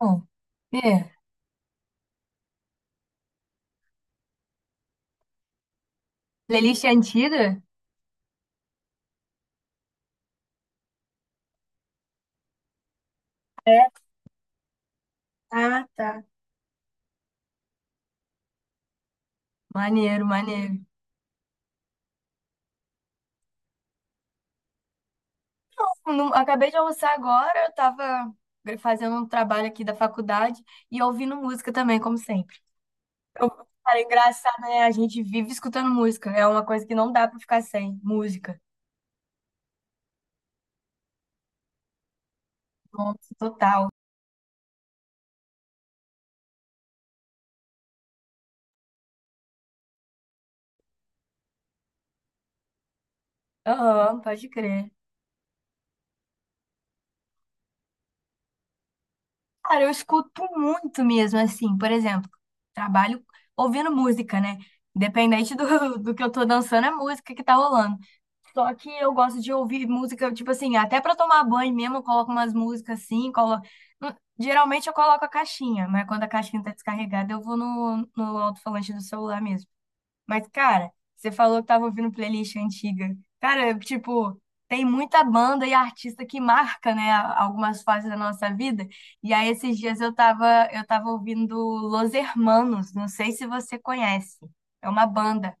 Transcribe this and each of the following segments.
Bom. É. Playlist antiga? É. Ah, tá. Maneiro, maneiro. Acabei de almoçar agora, eu tava fazendo um trabalho aqui da faculdade e ouvindo música também, como sempre. Eu, cara, é engraçado, né? A gente vive escutando música, é uma coisa que não dá pra ficar sem música. Nossa, total. Aham, pode crer. Cara, eu escuto muito mesmo, assim, por exemplo, trabalho ouvindo música, né? Independente do que eu tô dançando, é música que tá rolando. Só que eu gosto de ouvir música, tipo assim, até pra tomar banho mesmo, eu coloco umas músicas assim. Hum, Geralmente eu coloco a caixinha, mas quando a caixinha tá descarregada, eu vou no alto-falante do celular mesmo. Mas, cara, você falou que tava ouvindo playlist antiga. Cara, eu, tipo, tem muita banda e artista que marca, né, algumas fases da nossa vida. E aí, esses dias eu tava ouvindo Los Hermanos, não sei se você conhece. É uma banda.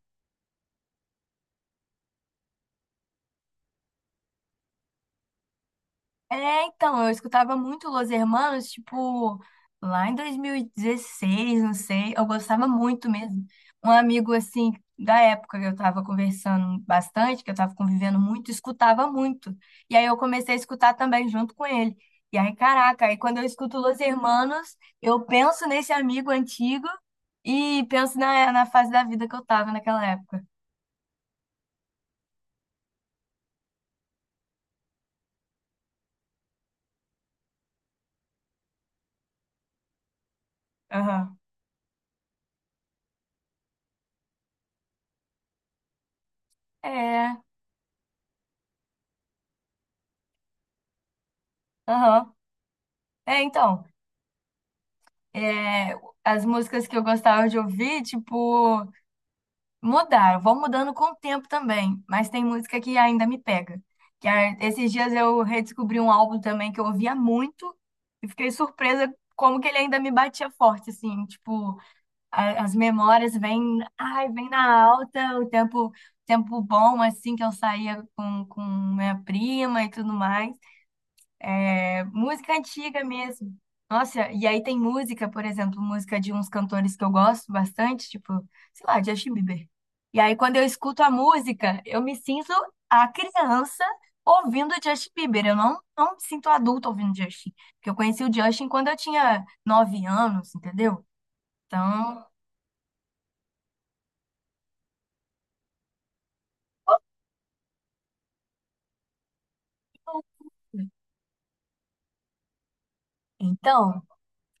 É, então, eu escutava muito Los Hermanos, tipo, lá em 2016, não sei, eu gostava muito mesmo. Um amigo, assim, da época que eu tava conversando bastante, que eu tava convivendo muito, escutava muito. E aí eu comecei a escutar também junto com ele. E aí, caraca, aí quando eu escuto Los Hermanos, eu penso nesse amigo antigo e penso na fase da vida que eu tava naquela época. Aham. É, aham. É, então. é, As músicas que eu gostava de ouvir, tipo, mudaram, vão mudando com o tempo também, mas tem música que ainda me pega. Que esses dias eu redescobri um álbum também que eu ouvia muito e fiquei surpresa como que ele ainda me batia forte, assim, tipo, as memórias vêm, ai, vem na alta, o tempo, tempo bom, assim, que eu saía com minha prima e tudo mais. É música antiga mesmo. Nossa, e aí tem música, por exemplo, música de uns cantores que eu gosto bastante, tipo, sei lá, Justin Bieber. E aí quando eu escuto a música, eu me sinto a criança ouvindo Justin Bieber. Eu não me sinto adulta ouvindo Justin, porque eu conheci o Justin quando eu tinha 9 anos, entendeu? Então, então,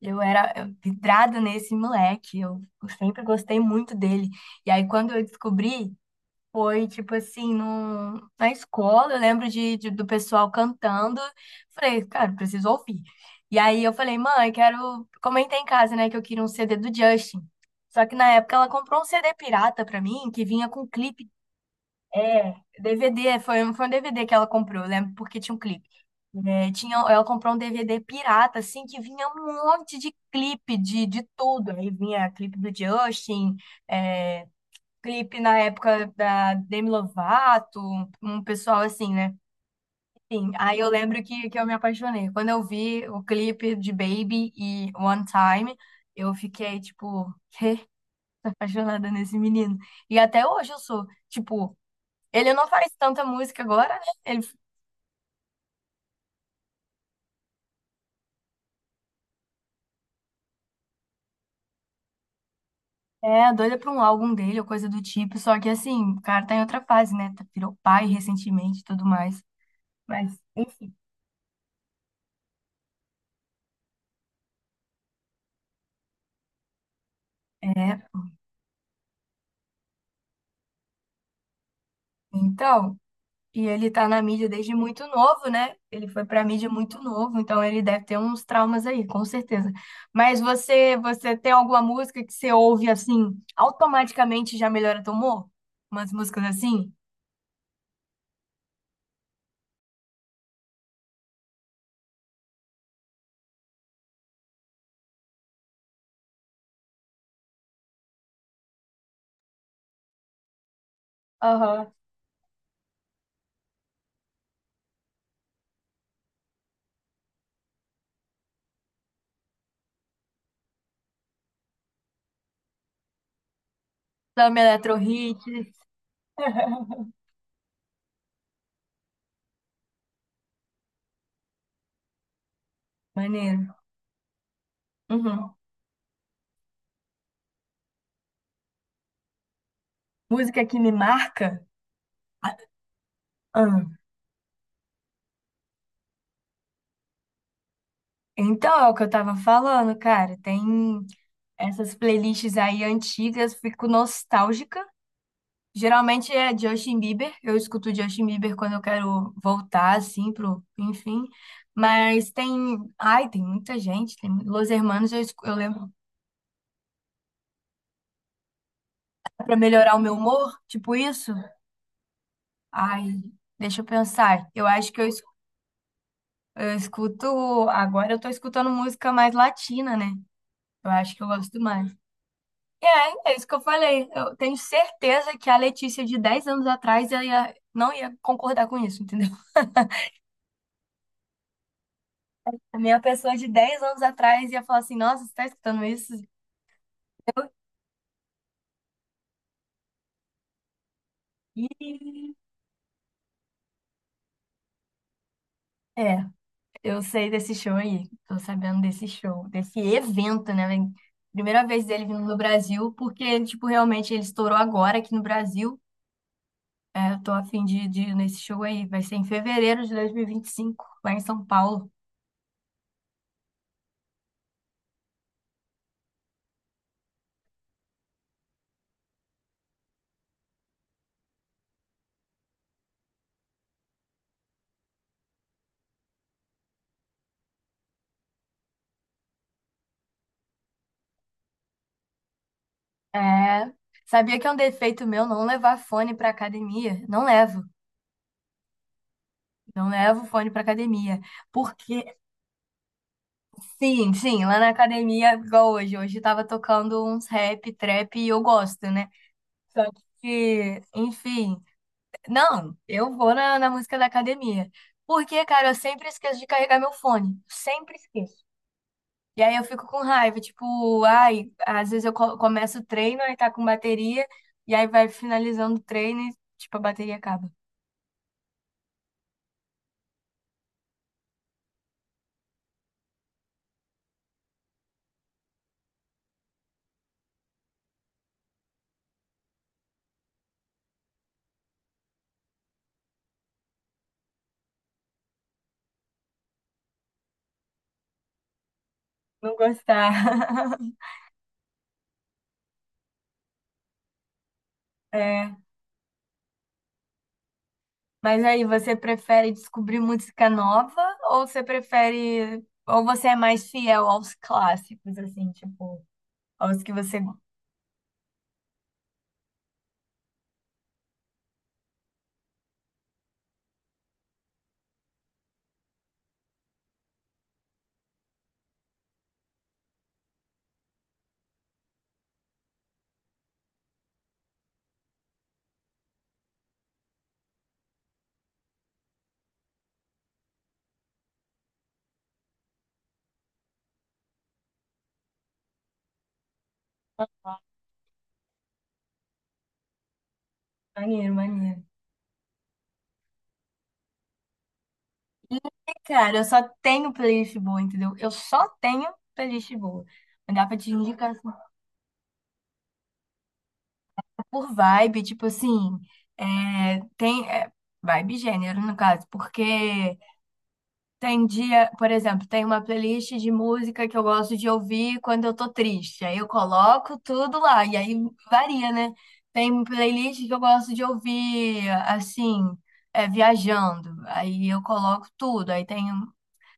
eu era vidrada nesse moleque, eu sempre gostei muito dele. E aí, quando eu descobri, foi, tipo assim, na escola, eu lembro de, do pessoal cantando. Falei, cara, preciso ouvir. E aí eu falei, mãe, quero. Comentei em casa, né, que eu queria um CD do Justin. Só que na época ela comprou um CD pirata pra mim, que vinha com clipe. É, DVD, foi um DVD que ela comprou, eu lembro, porque tinha um clipe. É, tinha, ela comprou um DVD pirata, assim, que vinha um monte de clipe de tudo. Aí vinha clipe do Justin. é, Clipe na época da Demi Lovato, um pessoal assim, né? Enfim, aí eu lembro que eu me apaixonei. Quando eu vi o clipe de Baby e One Time, eu fiquei, tipo, "Quê? Tô apaixonada nesse menino. E até hoje eu sou, tipo, ele não faz tanta música agora, né? Ele é doida pra um álbum dele ou coisa do tipo, só que assim, o cara tá em outra fase, né? Virou pai recentemente e tudo mais. Mas, enfim, é. Então. E ele tá na mídia desde muito novo, né? Ele foi pra mídia muito novo, então ele deve ter uns traumas aí, com certeza. Mas você tem alguma música que você ouve assim, automaticamente já melhora teu humor? Umas músicas assim? Aham. Samba Eletro Hit, maneiro. Uhum. Música que me marca? Ah, então, é o que eu tava falando, cara. Tem essas playlists aí antigas, fico nostálgica. Geralmente é Justin Bieber. Eu escuto Justin Bieber quando eu quero voltar, assim, pro, enfim. Mas ai, tem muita gente. Tem Los Hermanos, eu lembro pra melhorar o meu humor, tipo isso. Ai, deixa eu pensar. Eu acho que eu escuto, agora eu tô escutando música mais latina, né? Eu acho que eu gosto mais. É isso que eu falei. Eu tenho certeza que a Letícia de 10 anos atrás ela não ia concordar com isso, entendeu? A minha pessoa de 10 anos atrás ia falar assim: Nossa, você tá escutando isso? Eu... Ih, é, eu sei desse show aí. Tô sabendo desse show, desse evento, né, velho? Primeira vez dele vindo no Brasil, porque, tipo, realmente ele estourou agora aqui no Brasil. É, eu tô a fim de ir nesse show aí. Vai ser em fevereiro de dois mil e vinte e cinco lá em São Paulo. É, sabia que é um defeito meu não levar fone pra academia? Não levo. Não levo fone pra academia. Porque sim, sim, lá na academia, igual hoje. Hoje tava tocando uns rap, trap e eu gosto, né? Só que, enfim, não, eu vou na música da academia. Porque, cara, eu sempre esqueço de carregar meu fone. Sempre esqueço. E aí eu fico com raiva, tipo, ai, às vezes eu começo o treino, aí tá com bateria, e aí vai finalizando o treino e, tipo, a bateria acaba. Não gostar. Mas aí, você prefere descobrir música nova ou você prefere. Ou você é mais fiel aos clássicos, assim, tipo, aos que você gosta? Maneiro, maneiro. E, cara, eu só tenho playlist boa, entendeu? Eu só tenho playlist boa. Não dá pra te indicar assim, por vibe, tipo assim, é, tem. Vibe e gênero, no caso, porque. Tem dia, por exemplo, tem uma playlist de música que eu gosto de ouvir quando eu tô triste. Aí eu coloco tudo lá, e aí varia, né? Tem playlist que eu gosto de ouvir, assim, viajando. Aí eu coloco tudo. Aí tem, um,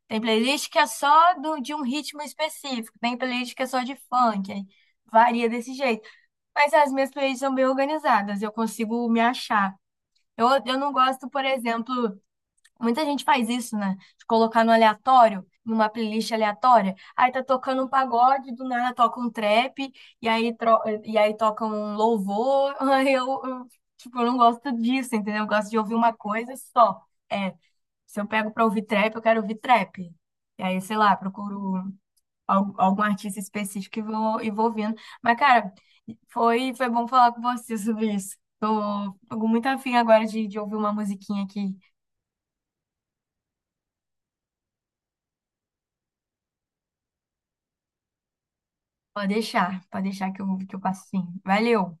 tem playlist que é só de um ritmo específico, tem playlist que é só de funk. Aí varia desse jeito. Mas as minhas playlists são bem organizadas, eu consigo me achar. Eu não gosto, por exemplo. Muita gente faz isso, né? De colocar no aleatório, numa playlist aleatória. Aí tá tocando um pagode, do nada toca um trap, e aí toca um louvor. Aí tipo, eu não gosto disso, entendeu? Eu gosto de ouvir uma coisa só. É, se eu pego pra ouvir trap, eu quero ouvir trap. E aí, sei lá, procuro algum artista específico e vou ouvindo. Mas, cara, foi bom falar com você sobre isso. Fico muito afim agora de ouvir uma musiquinha aqui. Pode deixar que eu passo sim. Valeu!